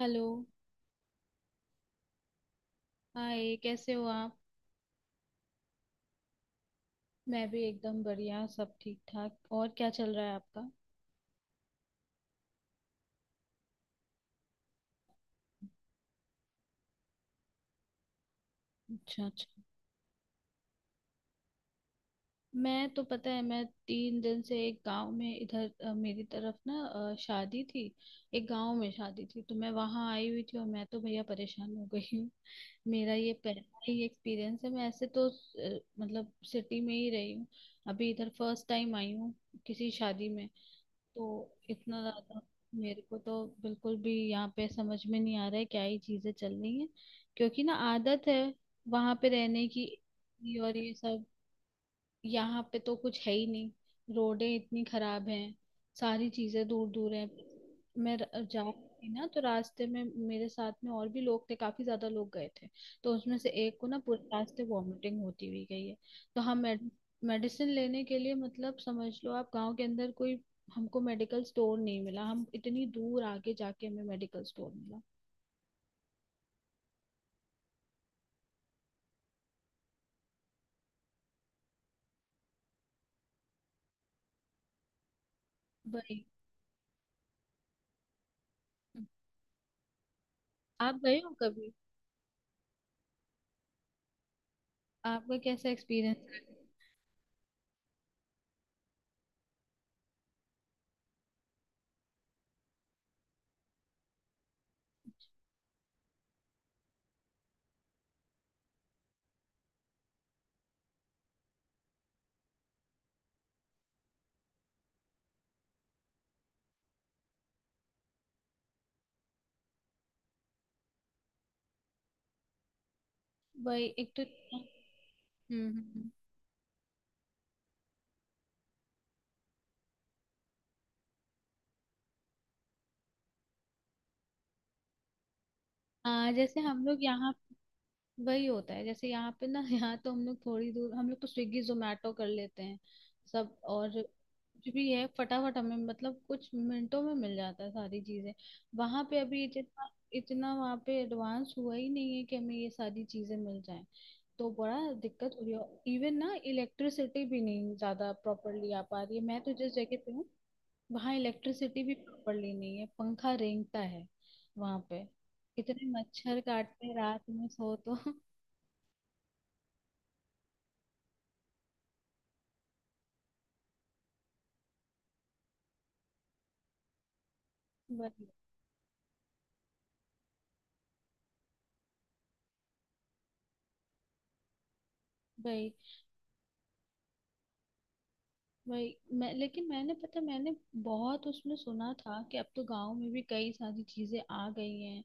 Hello. Hi कैसे हो आप? मैं भी एकदम बढ़िया, सब ठीक ठाक, और क्या चल रहा है आपका? अच्छा अच्छा। मैं तो पता है मैं तीन दिन से एक गांव में इधर मेरी तरफ ना शादी थी। एक गांव में शादी थी, तो मैं वहां आई हुई थी और मैं तो भैया परेशान हो गई हूँ। मेरा ये पहला ही एक्सपीरियंस है, मैं ऐसे तो मतलब सिटी में ही रही हूँ, अभी इधर फर्स्ट टाइम आई हूँ किसी शादी में। तो इतना ज्यादा मेरे को तो बिल्कुल भी यहाँ पे समझ में नहीं आ रहा है क्या ही चीजें चल रही हैं, क्योंकि ना आदत है वहां पे रहने की। और ये सब यहाँ पे तो कुछ है ही नहीं, रोडें इतनी खराब हैं, सारी चीजें दूर दूर हैं। मैं जा रही थी ना, तो रास्ते में मेरे साथ में और भी लोग थे, काफी ज्यादा लोग गए थे, तो उसमें से एक को ना पूरे रास्ते वॉमिटिंग होती हुई गई है। तो हम मेडिसिन लेने के लिए, मतलब समझ लो आप गांव के अंदर कोई हमको मेडिकल स्टोर नहीं मिला, हम इतनी दूर आगे जाके हमें मेडिकल स्टोर मिला। वही। आप गए हो कभी? आपका कैसा एक्सपीरियंस? वही एक तो हम्म। हम्म, हम्म। आ, जैसे हम लोग यहाँ वही होता है, जैसे यहाँ पे ना यहाँ तो हम लोग थोड़ी दूर, हम लोग तो स्विगी जोमेटो कर लेते हैं सब, और कुछ भी है फटाफट हमें, मतलब कुछ मिनटों में मिल जाता है सारी चीजें। वहां पे अभी इतना इतना वहां पे एडवांस हुआ ही नहीं है कि हमें ये सारी चीजें मिल जाएं, तो बड़ा दिक्कत हो रही है। इवन ना इलेक्ट्रिसिटी भी नहीं ज्यादा प्रॉपरली आ पा रही है, मैं तो जिस जगह पे हूँ वहाँ इलेक्ट्रिसिटी भी प्रॉपरली नहीं है, पंखा रेंगता है वहाँ पे, इतने मच्छर काटते हैं रात में सो तो भाई। भाई। भाई मैं लेकिन मैंने बहुत उसमें सुना था कि अब तो गांव में भी कई सारी चीजें आ गई हैं,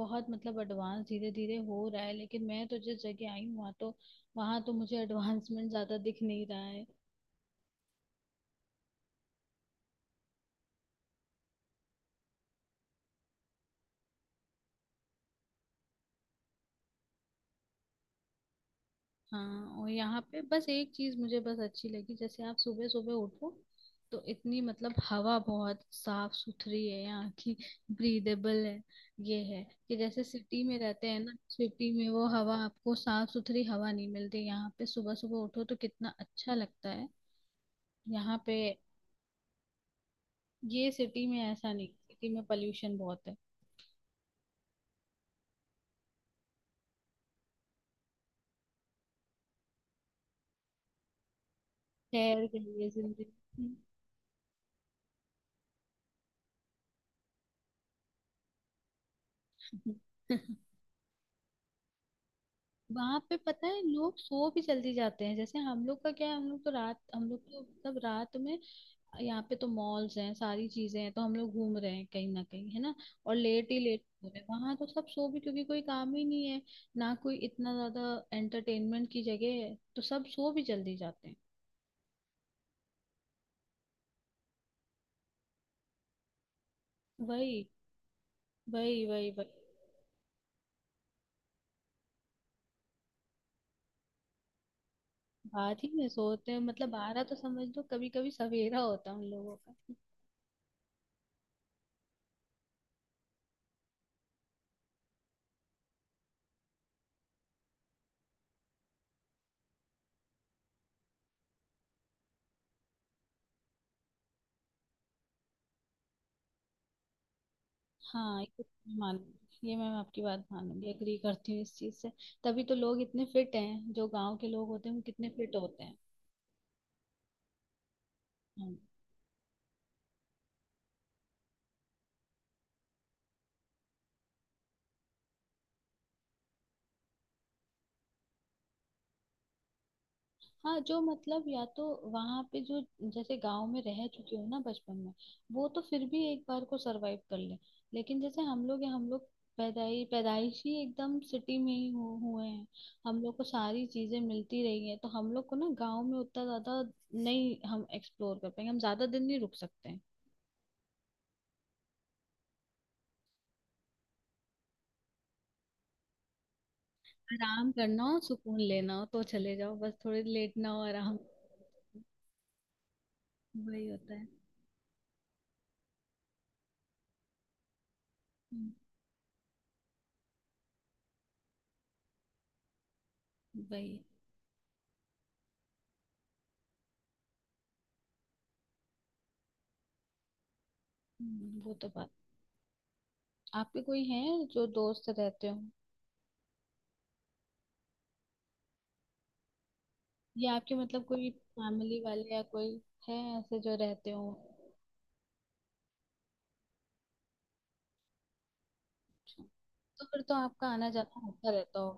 बहुत मतलब एडवांस धीरे धीरे हो रहा है, लेकिन मैं तो जिस जगह आई हूँ वहाँ तो मुझे एडवांसमेंट ज्यादा दिख नहीं रहा है। हाँ, और यहाँ पे बस एक चीज मुझे बस अच्छी लगी, जैसे आप सुबह सुबह उठो तो इतनी मतलब हवा बहुत साफ सुथरी है यहाँ की, ब्रीदेबल है। ये है कि जैसे सिटी में रहते हैं ना, सिटी में वो हवा आपको साफ सुथरी हवा नहीं मिलती, यहाँ पे सुबह सुबह उठो तो कितना अच्छा लगता है यहाँ पे। ये सिटी में ऐसा नहीं, सिटी में पॉल्यूशन बहुत है। खैर के लिए जिंदगी। वहां पे पता है लोग सो भी जल्दी जाते हैं, जैसे हम लोग का क्या है, हम लोग तो रात हम लोग तो तब रात में यहाँ पे तो मॉल्स हैं सारी चीजें हैं, तो हम लोग घूम रहे हैं कहीं ना कहीं है ना, और लेट ही लेट हो रहे हैं, वहां तो सब सो भी, क्योंकि कोई काम ही नहीं है, ना कोई इतना ज्यादा एंटरटेनमेंट की जगह है, तो सब सो भी जल्दी जाते हैं। वही वही वही वही। बात ही में सोते हैं, मतलब बारह तो समझ लो, कभी कभी सवेरा होता है उन लोगों का। हाँ ये तो मैं मानूंगी, ये मैं आपकी बात मानूंगी, एग्री करती हूँ इस चीज से। तभी तो लोग इतने फिट हैं, जो गांव के लोग होते हैं वो कितने फिट होते हैं। हम्म। हाँ जो मतलब या तो वहां पे जो, जैसे गांव में रह चुके हो ना बचपन में वो तो फिर भी एक बार को सरवाइव कर ले, लेकिन जैसे हम लोग पैदाई पैदाइश ही एकदम सिटी में ही हुए हैं, हम लोग को सारी चीजें मिलती रही हैं, तो हम लोग को ना गांव में उतना ज्यादा नहीं हम एक्सप्लोर कर पाएंगे, हम ज्यादा दिन नहीं रुक सकते हैं। आराम करना हो सुकून लेना हो तो चले जाओ, बस थोड़ी लेटना हो आराम, वही होता है। हम्म, वही। वो तो बात। आपके कोई हैं जो दोस्त रहते हो, या आपके मतलब कोई फैमिली वाले या कोई है ऐसे जो रहते हो? अच्छा। तो फिर तो आपका आना जाना होता रहता हो?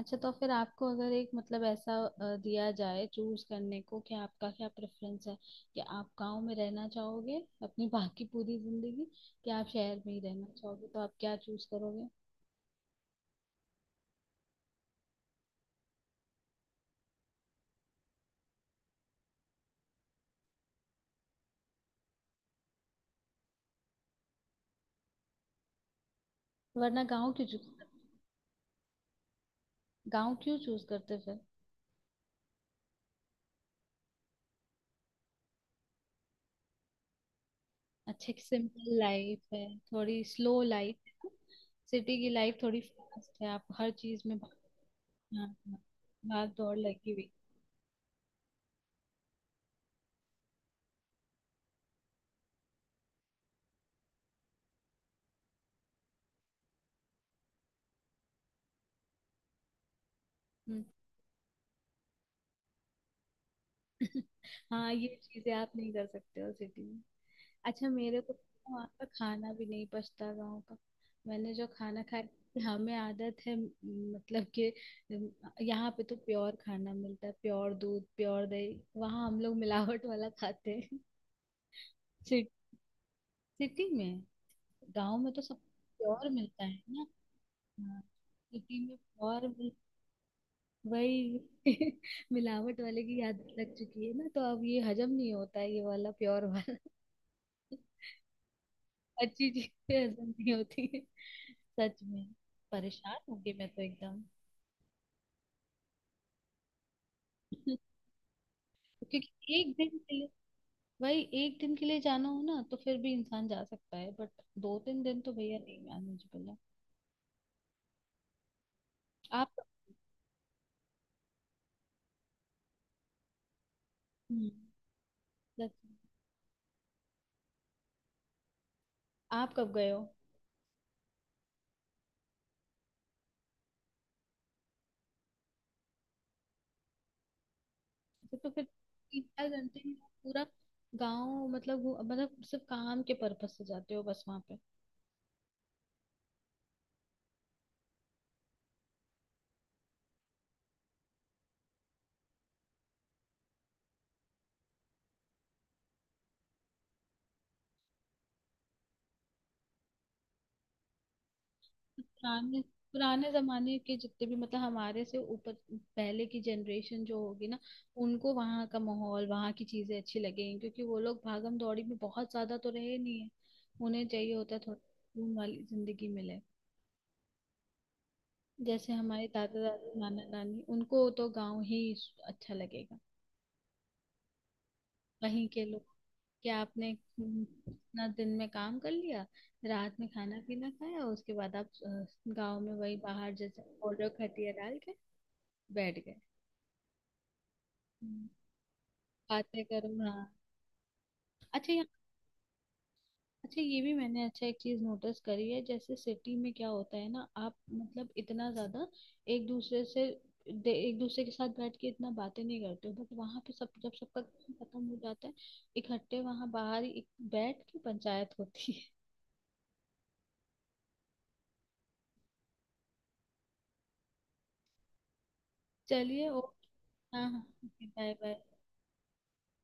अच्छा, तो फिर आपको अगर एक मतलब ऐसा दिया जाए चूज करने को कि आपका क्या प्रेफरेंस है, कि आप गांव में रहना चाहोगे अपनी बाकी पूरी जिंदगी, कि आप शहर में ही रहना चाहोगे, तो आप क्या चूज करोगे? वरना गांव क्यों चूज करते? गांव क्यों चूज करते फिर? अच्छे की सिंपल लाइफ है, थोड़ी स्लो लाइफ है, सिटी की लाइफ थोड़ी फास्ट है, आप हर चीज में भाग। हाँ, हाँ, भाग दौड़ लगी हुई। हम्म। हाँ ये चीजें आप नहीं कर सकते हो सिटी में। अच्छा मेरे को तो वहाँ का खाना भी नहीं पछता गाँव का, मैंने जो खाना खाया हमें आदत है मतलब कि यहाँ पे तो प्योर खाना मिलता है, प्योर दूध प्योर दही, वहाँ हम लोग मिलावट वाला खाते हैं सिट- सिटी में, गांव में तो सब प्योर मिलता है ना। हाँ, सिटी में वही। मिलावट वाले की आदत लग चुकी है ना, तो अब ये हजम नहीं होता है ये वाला प्योर वाला, अच्छी चीजें हजम नहीं होती है। सच में परेशान हो गई मैं तो एकदम, क्योंकि एक दिन के लिए, भाई एक दिन के लिए जाना हो ना तो फिर भी इंसान जा सकता है, बट दो तीन दिन तो भैया नहीं मैनेजेबल है। आप हम्म, सच में। आप कब गए हो? तो फिर तीन चार घंटे में आप पूरा गांव मतलब मतलब सिर्फ काम के पर्पस से जाते हो बस वहां पे? पुराने, पुराने जमाने के जितने भी मतलब हमारे से ऊपर पहले की जनरेशन जो होगी ना, उनको वहाँ का माहौल वहाँ की चीजें अच्छी लगेंगी, क्योंकि वो लोग भागम दौड़ी में बहुत ज्यादा तो रहे नहीं है, उन्हें चाहिए होता है थोड़ा सुकून वाली जिंदगी मिले। जैसे हमारे दादा दादी नाना नानी, उनको तो गांव ही अच्छा लगेगा, वहीं के लोग। क्या आपने? हम्म, अपना दिन में काम कर लिया, रात में खाना पीना खाया, उसके बाद आप गांव में वही बाहर जैसे ऑर्डर खटिया डाल के बैठ गए, बातें करो। हाँ। अच्छा यहाँ। अच्छा ये भी मैंने, अच्छा एक चीज नोटिस करी है, जैसे सिटी में क्या होता है ना आप मतलब इतना ज्यादा एक दूसरे से एक दूसरे के साथ बैठ के इतना बातें नहीं करते हो, बट वहाँ पे सब जब सबका काम खत्म हो जाता है इकट्ठे वहाँ बाहर ही बैठ के पंचायत होती है। चलिए ओके। हाँ हाँ, बाय बाय।